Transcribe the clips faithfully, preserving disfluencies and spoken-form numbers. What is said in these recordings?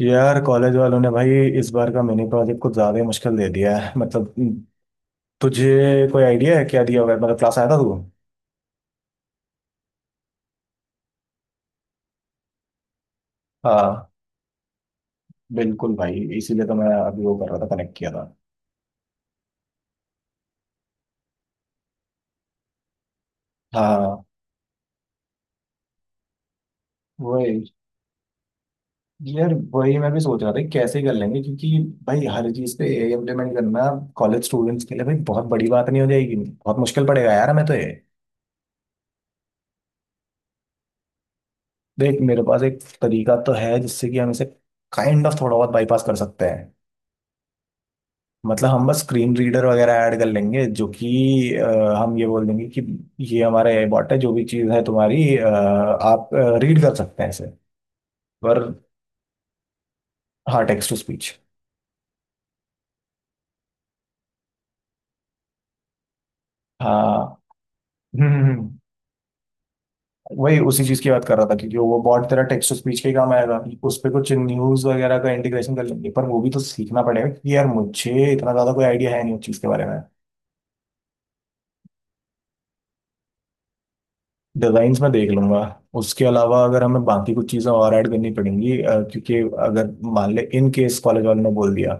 यार कॉलेज वालों ने भाई इस बार का मिनी प्रोजेक्ट कुछ ज्यादा ही मुश्किल दे दिया है। मतलब तुझे कोई आइडिया है क्या दिया हुआ है? मतलब क्लास आया था तू? हाँ, बिल्कुल भाई, इसीलिए तो मैं अभी वो कर रहा था, कनेक्ट किया था। हाँ, वही। यार वही मैं भी सोच रहा था कि कैसे कर लेंगे, क्योंकि भाई हर चीज़ पे एआई इम्प्लीमेंट करना कॉलेज स्टूडेंट्स के लिए भाई बहुत बड़ी बात नहीं हो जाएगी? बहुत मुश्किल पड़ेगा यार हमें तो ये। देख, मेरे पास एक तरीका तो है जिससे कि हम इसे काइंड ऑफ थोड़ा बहुत बाईपास कर सकते हैं। मतलब हम बस स्क्रीन रीडर वगैरह ऐड कर लेंगे जो कि अ, हम ये बोल देंगे कि ये हमारा एआई बॉट है, जो भी चीज़ है तुम्हारी, अ, आप रीड कर सकते हैं इसे। पर हाँ, टेक्स्ट टू स्पीच। हाँ। हम्म हम्म, वही उसी चीज़ की बात कर रहा था, क्योंकि वो बॉट तेरा टेक्स्ट टू स्पीच के ही काम आएगा। उस पर कुछ न्यूज़ वगैरह का इंटीग्रेशन कर लेंगे, पर वो भी तो सीखना पड़ेगा क्योंकि यार मुझे इतना ज़्यादा कोई आइडिया है नहीं उस चीज़ के बारे में। डिजाइन्स मैं देख लूंगा। उसके अलावा अगर हमें बाकी कुछ चीज़ें और ऐड करनी पड़ेंगी, अ, क्योंकि अगर मान ले इन केस कॉलेज वालों ने बोल दिया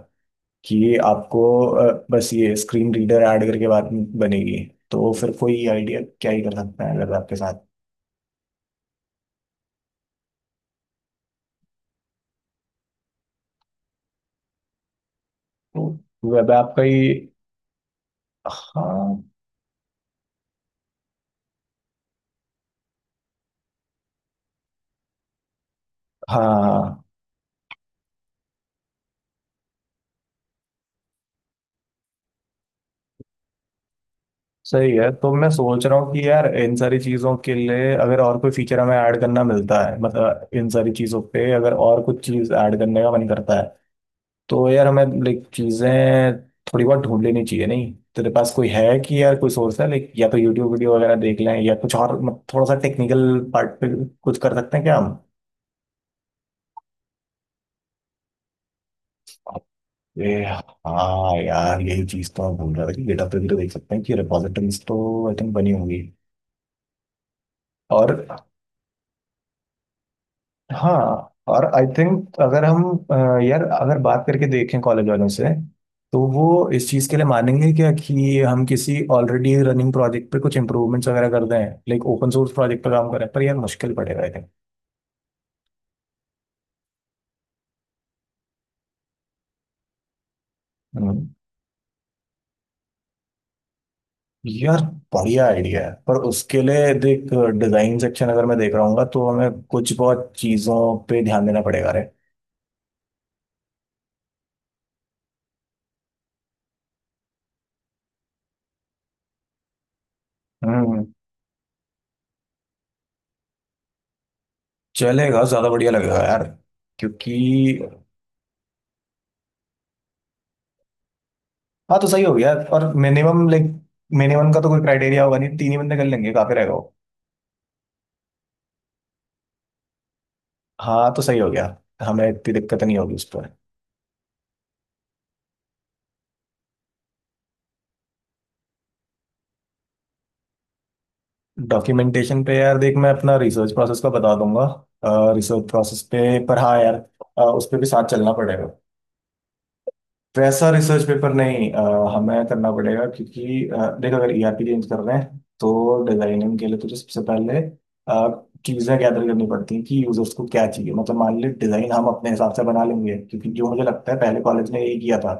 कि ये आपको अ, बस ये स्क्रीन रीडर ऐड करके बात बनेगी, तो फिर कोई आइडिया क्या ही कर सकता है अगर आपके साथ। तो वेब ऐप का ही। हाँ। हाँ। सही है। तो मैं सोच रहा हूँ कि यार इन सारी चीज़ों के लिए अगर और कोई फीचर हमें ऐड करना मिलता है, मतलब इन सारी चीज़ों पे अगर और कुछ चीज़ ऐड करने का मन करता है, तो यार हमें लाइक चीजें थोड़ी बहुत ढूंढ लेनी चाहिए। नहीं तेरे पास कोई है कि यार कोई सोर्स है लाइक, या तो यूट्यूब वीडियो वगैरह देख लें या कुछ और। मत- थोड़ा सा टेक्निकल पार्ट पे कुछ कर सकते हैं क्या हम? अरे हाँ यार, यही चीज तो मैं भूल रहा था कि GitHub पे भी तो देख सकते हैं कि रिपॉजिटरीज तो आई थिंक बनी होंगी। और हाँ, और आई थिंक अगर हम अ, यार अगर बात करके देखें कॉलेज वालों से तो वो इस चीज़ के लिए मानेंगे क्या कि हम किसी ऑलरेडी रनिंग प्रोजेक्ट पे कुछ इम्प्रूवमेंट्स वगैरह कर दें, लाइक ओपन सोर्स प्रोजेक्ट पे काम करें? पर यार मुश्किल पड़ेगा आई थिंक। हम्म। यार बढ़िया आइडिया है, पर उसके लिए देख, डिजाइन सेक्शन अगर मैं देख रहा हूँ तो हमें कुछ बहुत चीज़ों पे ध्यान देना पड़ेगा रे। हम्म। चलेगा, ज़्यादा बढ़िया लगेगा यार, क्योंकि हाँ तो सही हो गया। और मिनिमम लाइक मिनिमम का तो कोई क्राइटेरिया होगा नहीं, तीन ही बंदे कर लेंगे, काफी रहेगा वो। हाँ तो सही हो गया, हमें इतनी दिक्कत नहीं होगी उस पर। डॉक्यूमेंटेशन पे यार देख, मैं अपना रिसर्च प्रोसेस का बता दूंगा, रिसर्च प्रोसेस पे। पर हाँ यार, अ, उस पे भी साथ चलना पड़ेगा। वैसा रिसर्च पेपर नहीं, अ, हमें करना पड़ेगा क्योंकि अ, देख, अगर ईआरपी चेंज कर रहे हैं तो डिजाइनिंग के लिए तुझे सबसे पहले अ, चीजें गैदर करनी पड़ती हैं कि यूजर्स को क्या चाहिए। मतलब मान ले, डिजाइन हम अपने हिसाब से बना लेंगे, क्योंकि जो मुझे लगता है पहले कॉलेज ने यही किया था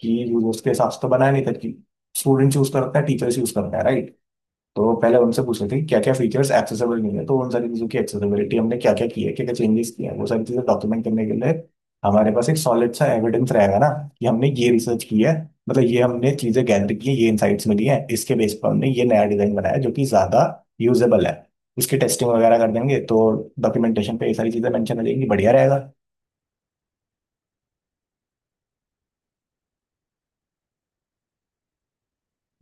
कि यूजर्स के हिसाब से तो बनाया नहीं था। कि स्टूडेंट चूज करता है, टीचर्स यूज करता है, राइट? तो पहले उनसे पूछ रहे थे क्या क्या फीचर्स एक्सेसिबल नहीं है, तो उन सारी चीज़ों की एक्सेसिबिलिटी हमने क्या क्या की है, क्या क्या चेंजेस किए हैं, वो सारी चीज़ें डॉक्यूमेंट करने के लिए हमारे पास एक सॉलिड सा एविडेंस रहेगा ना, कि हमने ये रिसर्च की है। मतलब ये हमने चीज़ें गैदर की है, ये इनसाइट्स मिली है, इसके बेस पर हमने ये नया डिज़ाइन बनाया जो कि ज़्यादा यूजेबल है। उसकी टेस्टिंग वगैरह कर देंगे, तो डॉक्यूमेंटेशन पे ये सारी चीज़ें मेंशन हो जाएंगी, बढ़िया रहेगा।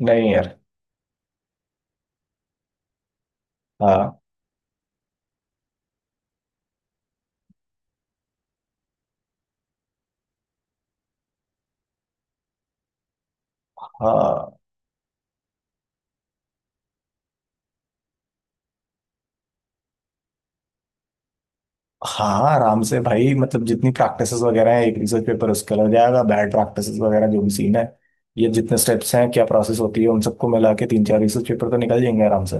नहीं यार। हाँ। हाँ। हाँ आराम से भाई, मतलब जितनी प्रैक्टिसेस वगैरह है एक रिसर्च पेपर उसका लग जाएगा, बैड प्रैक्टिसेस वगैरह जो भी सीन है, ये जितने स्टेप्स हैं, क्या प्रोसेस होती है, उन सबको मिला के तीन चार रिसर्च पेपर तो निकल जाएंगे आराम से।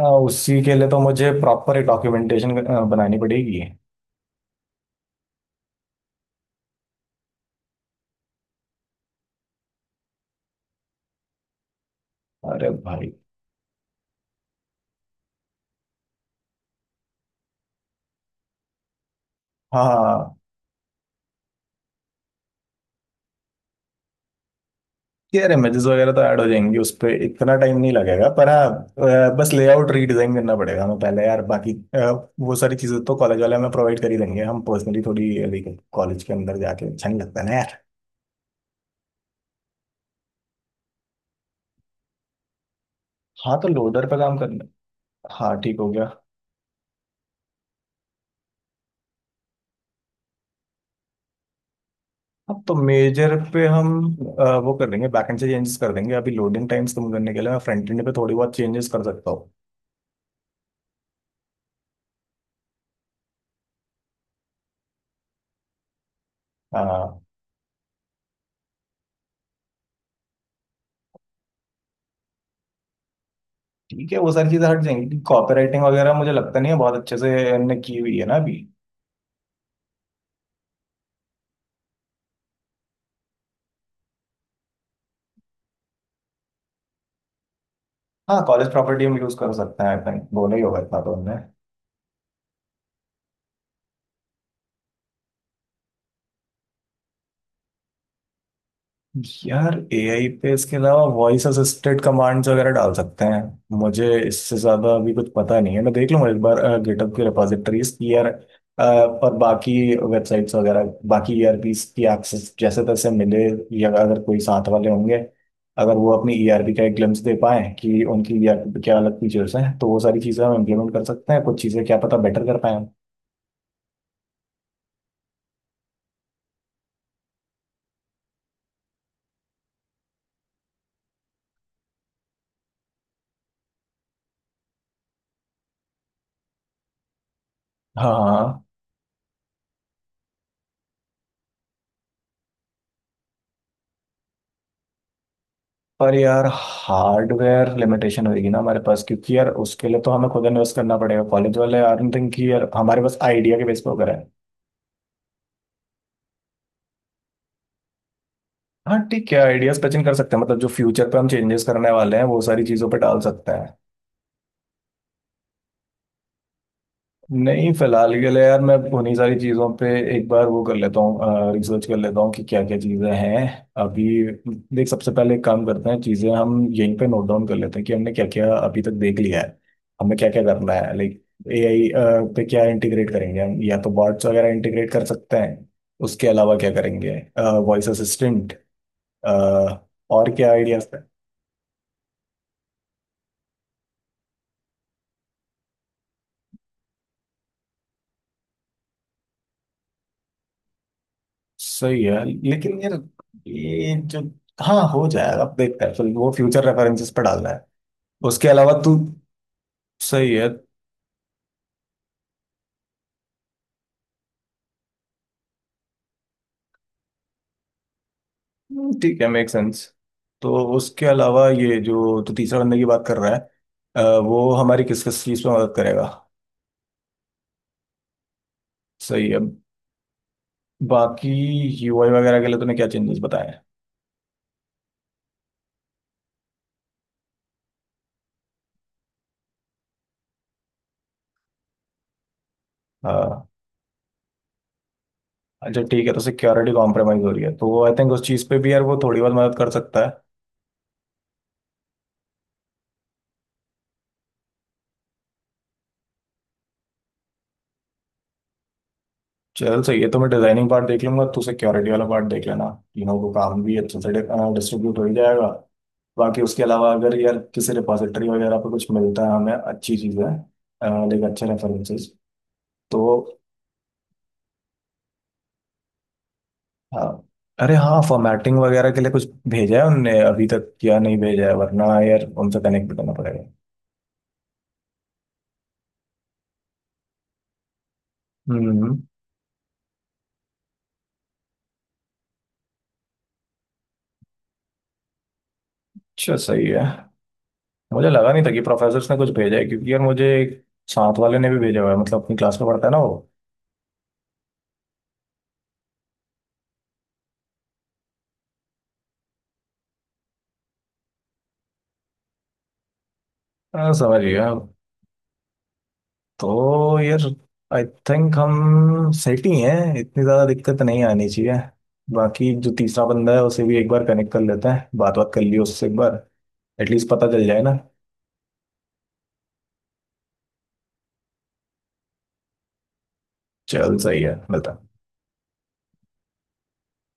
आ, उसी के लिए तो मुझे प्रॉपर एक डॉक्यूमेंटेशन बनानी पड़ेगी। अरे भाई। हाँ यार, इमेजेस वगैरह तो ऐड हो जाएंगी, उस पर इतना टाइम नहीं लगेगा, पर हाँ अ, बस लेआउट रीडिजाइन करना पड़ेगा हमें पहले यार। बाकी अ, वो सारी चीज़ें तो कॉलेज वाले हमें प्रोवाइड कर ही देंगे, हम पर्सनली थोड़ी कॉलेज के अंदर जाके, अच्छा नहीं लगता ना। हाँ तो लोडर पे काम करना। हाँ ठीक हो गया। अब तो मेजर पे हम अ, वो कर देंगे, बैकएंड से चेंजेस कर देंगे। अभी लोडिंग टाइम्स कम करने के लिए मैं फ्रंट एंड पे थोड़ी बहुत चेंजेस कर सकता हूँ। हाँ ठीक है, वो सारी चीज़ें हट जाएंगी। कॉपीराइटिंग वगैरह मुझे लगता नहीं है बहुत अच्छे से हमने की हुई है ना अभी। हाँ, कॉलेज प्रॉपर्टी हम यूज़ कर सकते हैं आई थिंक, दोनों ही होगा इतना तो हमने। यार एआई पे इसके अलावा वॉइस असिस्टेड कमांड्स वगैरह डाल सकते हैं। मुझे इससे ज्यादा अभी कुछ पता नहीं है, मैं देख लूंगा एक बार गिटहब की रिपोजिटरीज की यार। अ, और बाकी वेबसाइट्स वगैरह, बाकी ईआरपीस की एक्सेस जैसे तैसे मिले, या अगर कोई साथ वाले होंगे, अगर वो अपनी ईआरपी का एक ग्लिम्स दे पाए कि उनकी ईआरपी पे क्या अलग फीचर्स हैं, तो वो सारी चीज़ें हम इम्प्लीमेंट कर सकते हैं, कुछ चीज़ें क्या पता बेटर कर पाए। हाँ। हाँ। पर यार हार्डवेयर लिमिटेशन होगी ना हमारे पास, क्योंकि यार उसके लिए तो हमें खुद इन्वेस्ट करना पड़ेगा, कॉलेज वाले आई डोंट थिंक कि यार हमारे पास आइडिया के बेस पे वगैरह है। हाँ ठीक है, आइडियाज पचिंग कर सकते हैं, मतलब जो फ्यूचर पे हम चेंजेस करने वाले हैं, वो सारी चीजों पे डाल सकते हैं। नहीं फिलहाल के लिए यार, मैं उन्हीं सारी चीज़ों पे एक बार वो कर लेता हूँ, रिसर्च कर लेता हूँ कि क्या क्या चीज़ें हैं अभी। देख, सबसे पहले एक काम करते हैं, चीज़ें हम यहीं पे नोट डाउन कर लेते हैं कि हमने क्या क्या अभी तक देख लिया है, हमें क्या क्या करना है। लाइक एआई पे क्या इंटीग्रेट करेंगे हम, या तो बॉट्स वगैरह इंटीग्रेट कर सकते हैं, उसके अलावा क्या करेंगे? Voice assistant. और क्या आइडियाज थे? सही है लेकिन यार ये जो, हाँ हो जाएगा। अब देखते हैं, फिर वो फ्यूचर रेफरेंसेस पे डालना है। उसके अलावा तू, सही है। हम्म, ठीक है, मेक सेंस। तो उसके अलावा ये जो तू तीसरा बंदे की बात कर रहा है, अ, वो हमारी किस किस चीज़ में मदद करेगा? सही है। बाकी यूआई वगैरह के लिए तूने क्या चेंजेस बताए हैं? हाँ। अच्छा ठीक है, तो सिक्योरिटी कॉम्प्रोमाइज़ हो रही है तो आई थिंक उस चीज़ पे भी यार वो थोड़ी बहुत मदद कर सकता है। चल सही है, तो मैं डिजाइनिंग पार्ट देख लूंगा, तू सिक्योरिटी वाला पार्ट देख लेना। तीनों को काम भी अच्छे से डिस्ट्रीब्यूट हो ही जाएगा। बाकी उसके अलावा अगर यार किसी रिपोजिटरी वगैरह पे कुछ मिलता है हमें, अच्छी चीज़ें लाइक, अच्छे रेफरेंसेस, तो हाँ। अरे हाँ, फॉर्मेटिंग वगैरह के लिए कुछ भेजा है उनने अभी तक या नहीं भेजा है? वरना यार उनसे कनेक्ट भी करना पड़ेगा। हम्म। अच्छा सही है। मुझे लगा नहीं था कि प्रोफेसर्स ने कुछ भेजा है, क्योंकि यार मुझे एक साथ वाले ने भी भेजा हुआ है, मतलब अपनी क्लास में पढ़ता है ना वो। हाँ समझ गया। तो यार आई थिंक हम सेट ही हैं, इतनी ज़्यादा दिक्कत नहीं आनी चाहिए। बाकी जो तीसरा बंदा है उसे भी एक बार कनेक्ट कर लेते हैं, बात बात कर लियो उससे एक बार, एटलीस्ट पता चल जाए ना। चल सही है, मिलता है।